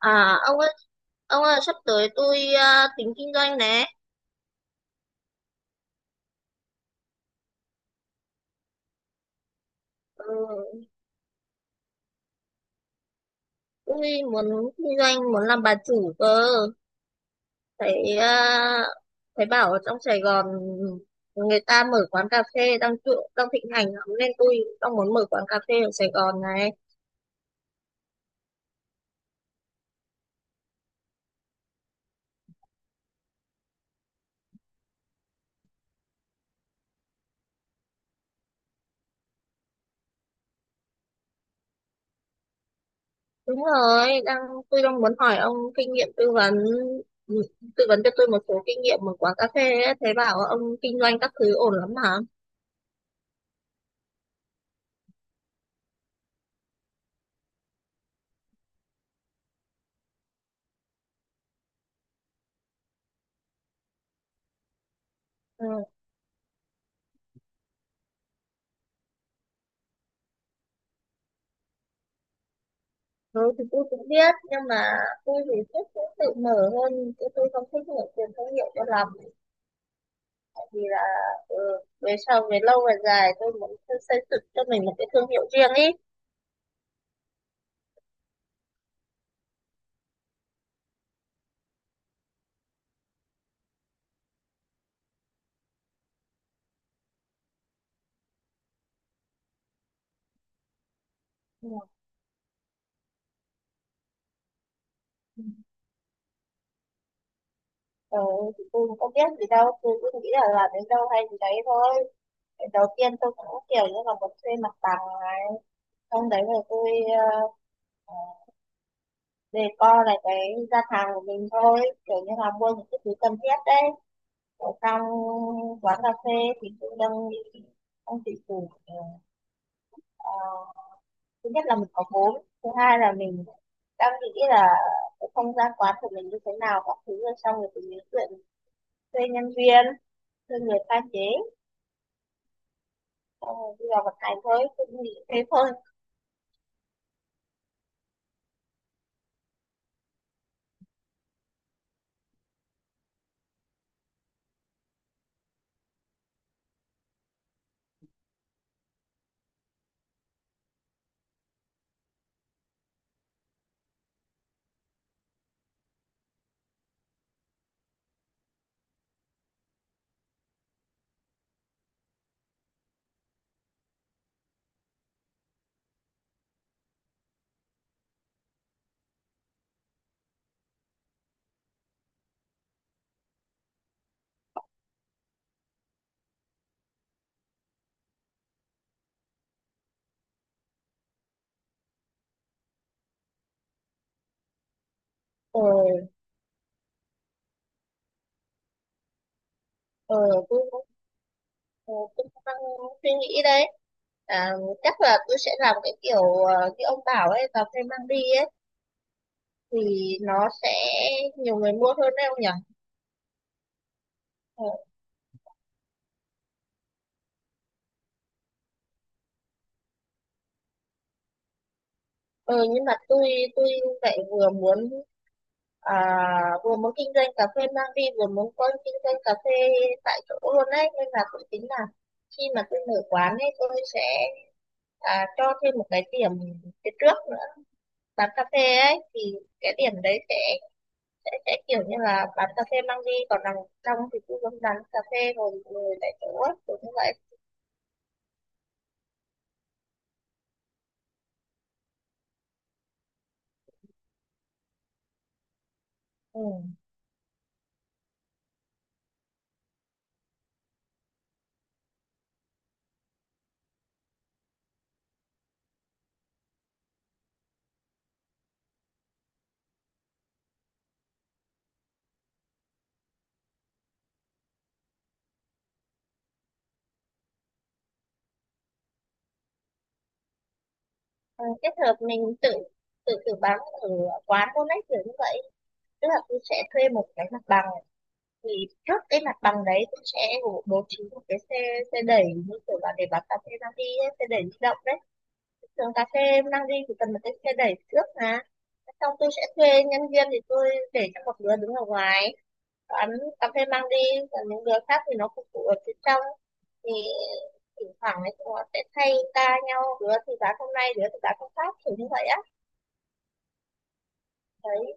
À ông ơi sắp tới tôi tính kinh doanh nè. Ừ, tôi muốn kinh doanh, muốn làm bà chủ cơ. Thấy à, Thấy bảo ở trong Sài Gòn người ta mở quán cà phê đang trụ, đang thịnh hành lắm nên tôi đang muốn mở quán cà phê ở Sài Gòn này. Đúng rồi, tôi đang muốn hỏi ông kinh nghiệm tư vấn, ừ, tư vấn cho tôi một số kinh nghiệm mở quán cà phê ấy. Thấy bảo ông kinh doanh các thứ ổn lắm hả? Ừ. Ừ, thì tôi cũng biết nhưng mà tôi thì thích cũng tự mở hơn chứ tôi không thích mở tiền thương hiệu cho lắm, tại vì là ừ, về sau về lâu về dài tôi muốn xây xây dựng cho mình một cái thương hiệu riêng ý. Ừ. Ừ, thì tôi cũng không biết gì đâu, tôi cũng nghĩ là làm đến đâu hay gì đấy thôi. Cái đầu tiên tôi cũng kiểu như là một thuê mặt bằng này, xong đấy rồi tôi uh, đề co lại cái gian hàng của mình thôi, kiểu như là mua những cái thứ cần thiết đấy ở trong quán cà phê. Thì tôi đang nghĩ ông chị chủ, ờ, thứ nhất là mình có vốn, thứ hai là mình đang nghĩ là cái không gian quán của mình như thế nào các thứ, rồi xong rồi thì mình chuyện thuê nhân viên, thuê người pha chế, xong rồi đi vào vận hành thôi, tôi nghĩ thế thôi. Ờ. Ờ, tôi cũng ờ, tôi cũng đang suy nghĩ đấy. À, chắc là tôi sẽ làm cái kiểu như ông bảo ấy, cà phê mang đi ấy thì nó sẽ nhiều người mua hơn đấy ông nhỉ. Ờ, Ừ, nhưng mà tôi lại vừa muốn, à, vừa muốn kinh doanh cà phê mang đi vừa muốn có kinh doanh cà phê tại chỗ luôn đấy, nên là tôi tính là khi mà tôi mở quán ấy tôi sẽ, cho thêm một cái điểm phía trước nữa bán cà phê ấy, thì cái điểm đấy sẽ, sẽ kiểu như là bán cà phê mang đi, còn đằng trong thì tôi vẫn bán cà phê rồi ngồi tại chỗ ấy, kiểu như vậy. Ừ. Ừ, kết hợp mình tự, tự bán ở quán luôn đấy kiểu như vậy. Tức là tôi sẽ thuê một cái mặt bằng, thì trước cái mặt bằng đấy tôi sẽ bố bố trí một cái xe, xe đẩy như kiểu là để bán cà phê mang đi ấy, xe đẩy di động đấy. Thường cà phê mang đi thì cần một cái xe đẩy trước mà, xong tôi sẽ thuê nhân viên thì tôi để cho một đứa đứng ở ngoài bán cà phê mang đi, còn những đứa khác thì nó phục vụ ở phía trong. Thì thỉnh thoảng ấy chúng nó sẽ thay ca nhau, đứa thì bán hôm nay đứa thì bán hôm khác kiểu như vậy á. Đấy,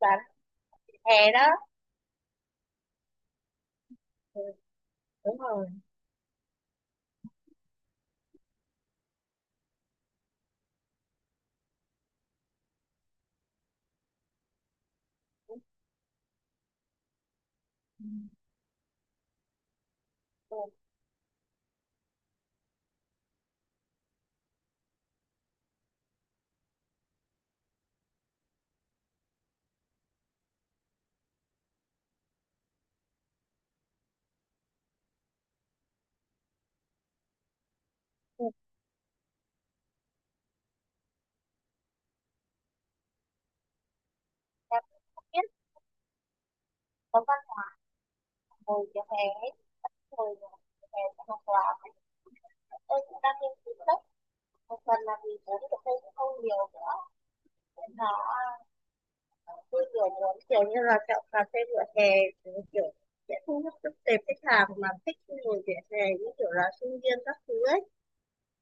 bán hè đó. Ừ, đúng rồi. Ừ. Ừ. Em không biết có văn ngồi vỉa hè ấy hồi mà em học làm. Tôi cũng đang nghiên cứu sách, một phần là vì vốn của tôi cũng không nhiều nữa. Nó, tôi kiểu muốn kiểu như là chọn cà phê vỉa hè, kiểu sẽ thu hút được tệp khách hàng mà thích ngồi vỉa hè như kiểu là sinh viên các thứ ấy.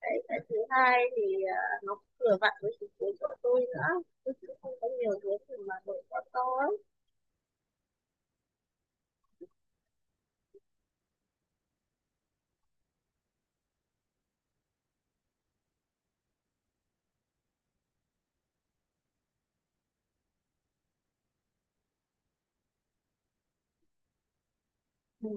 Đấy cái thứ hai thì nó cũng vừa vặn với chính cuối của tôi nữa, tôi cũng không có nhiều thứ gì mà đổi quá to ấy. Ừ.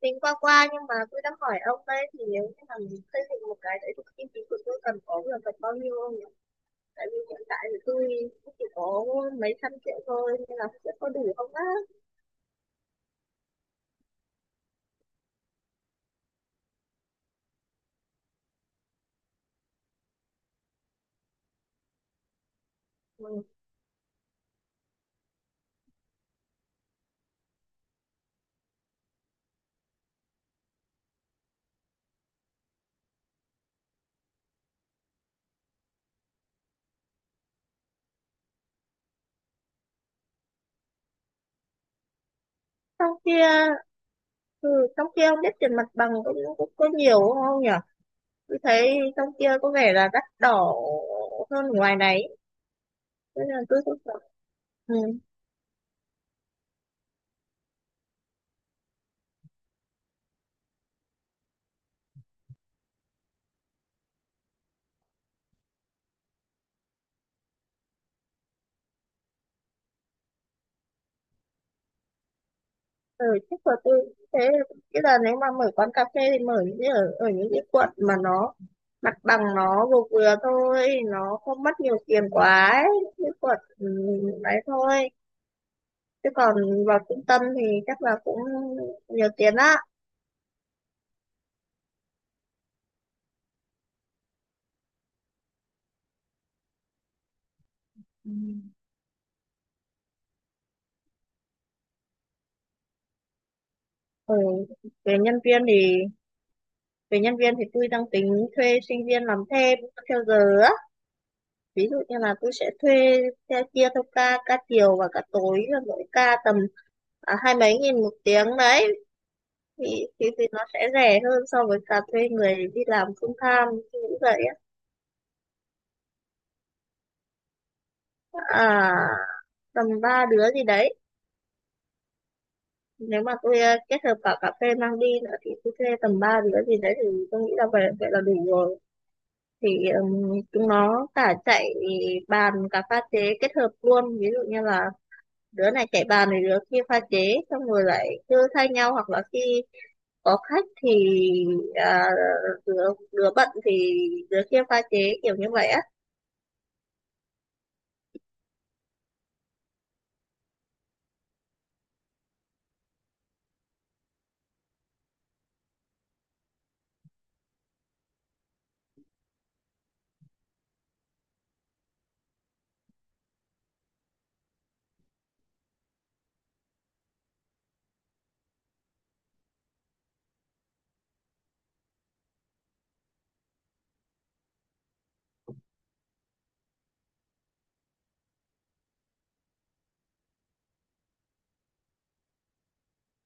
Tính qua qua, nhưng mà tôi đang hỏi ông đấy, thì nếu như mà mình xây dựng một cái đấy thì kinh phí của tôi cần có được tầm bao nhiêu không nhỉ, tại vì hiện tại thì tôi cũng chỉ có mấy trăm triệu thôi nên là sẽ có đủ không á. Ừ. Trong kia, ừ, trong kia không biết tiền mặt bằng cũng cũng có nhiều không nhỉ, tôi thấy trong kia có vẻ là đắt đỏ hơn ngoài này nên là tôi cũng sợ. Ừ. Ừ chắc là tôi thế, bây giờ nếu mà mở quán cà phê thì mở những cái ở ở những cái quận mà nó mặt bằng nó vừa vừa thôi, nó không mất nhiều tiền quá ấy. Những quận, ừ, đấy thôi, chứ còn vào trung tâm thì chắc là cũng nhiều tiền á. Ừ. Ừ. Về nhân viên thì, về nhân viên thì tôi đang tính thuê sinh viên làm thêm theo giờ á. Ví dụ như là tôi sẽ thuê theo chia theo ca, ca chiều và ca tối là mỗi ca tầm hai mấy nghìn một tiếng đấy, thì, thì nó sẽ rẻ hơn so với cả thuê người đi làm full time như vậy á. À, tầm ba đứa gì đấy. Nếu mà tôi kết hợp cả cà phê mang đi nữa thì tôi thuê tầm 3 đứa gì đấy thì tôi nghĩ là vậy vậy là đủ rồi. Thì ừm, chúng nó cả chạy bàn cả pha chế kết hợp luôn, ví dụ như là đứa này chạy bàn thì đứa kia pha chế, xong rồi lại cứ thay nhau, hoặc là khi có khách thì, à, đứa đứa bận thì đứa kia pha chế, kiểu như vậy á.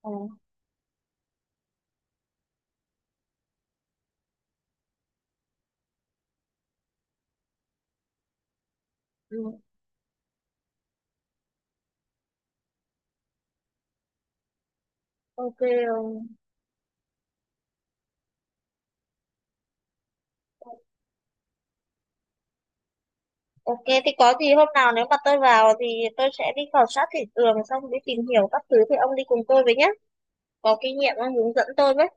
Ờ, ừ, ok, ờ. Ok, thì có gì hôm nào nếu mà tôi vào thì tôi sẽ đi khảo sát thị trường xong đi tìm hiểu các thứ thì ông đi cùng tôi với nhé. Có kinh nghiệm ông hướng dẫn tôi với.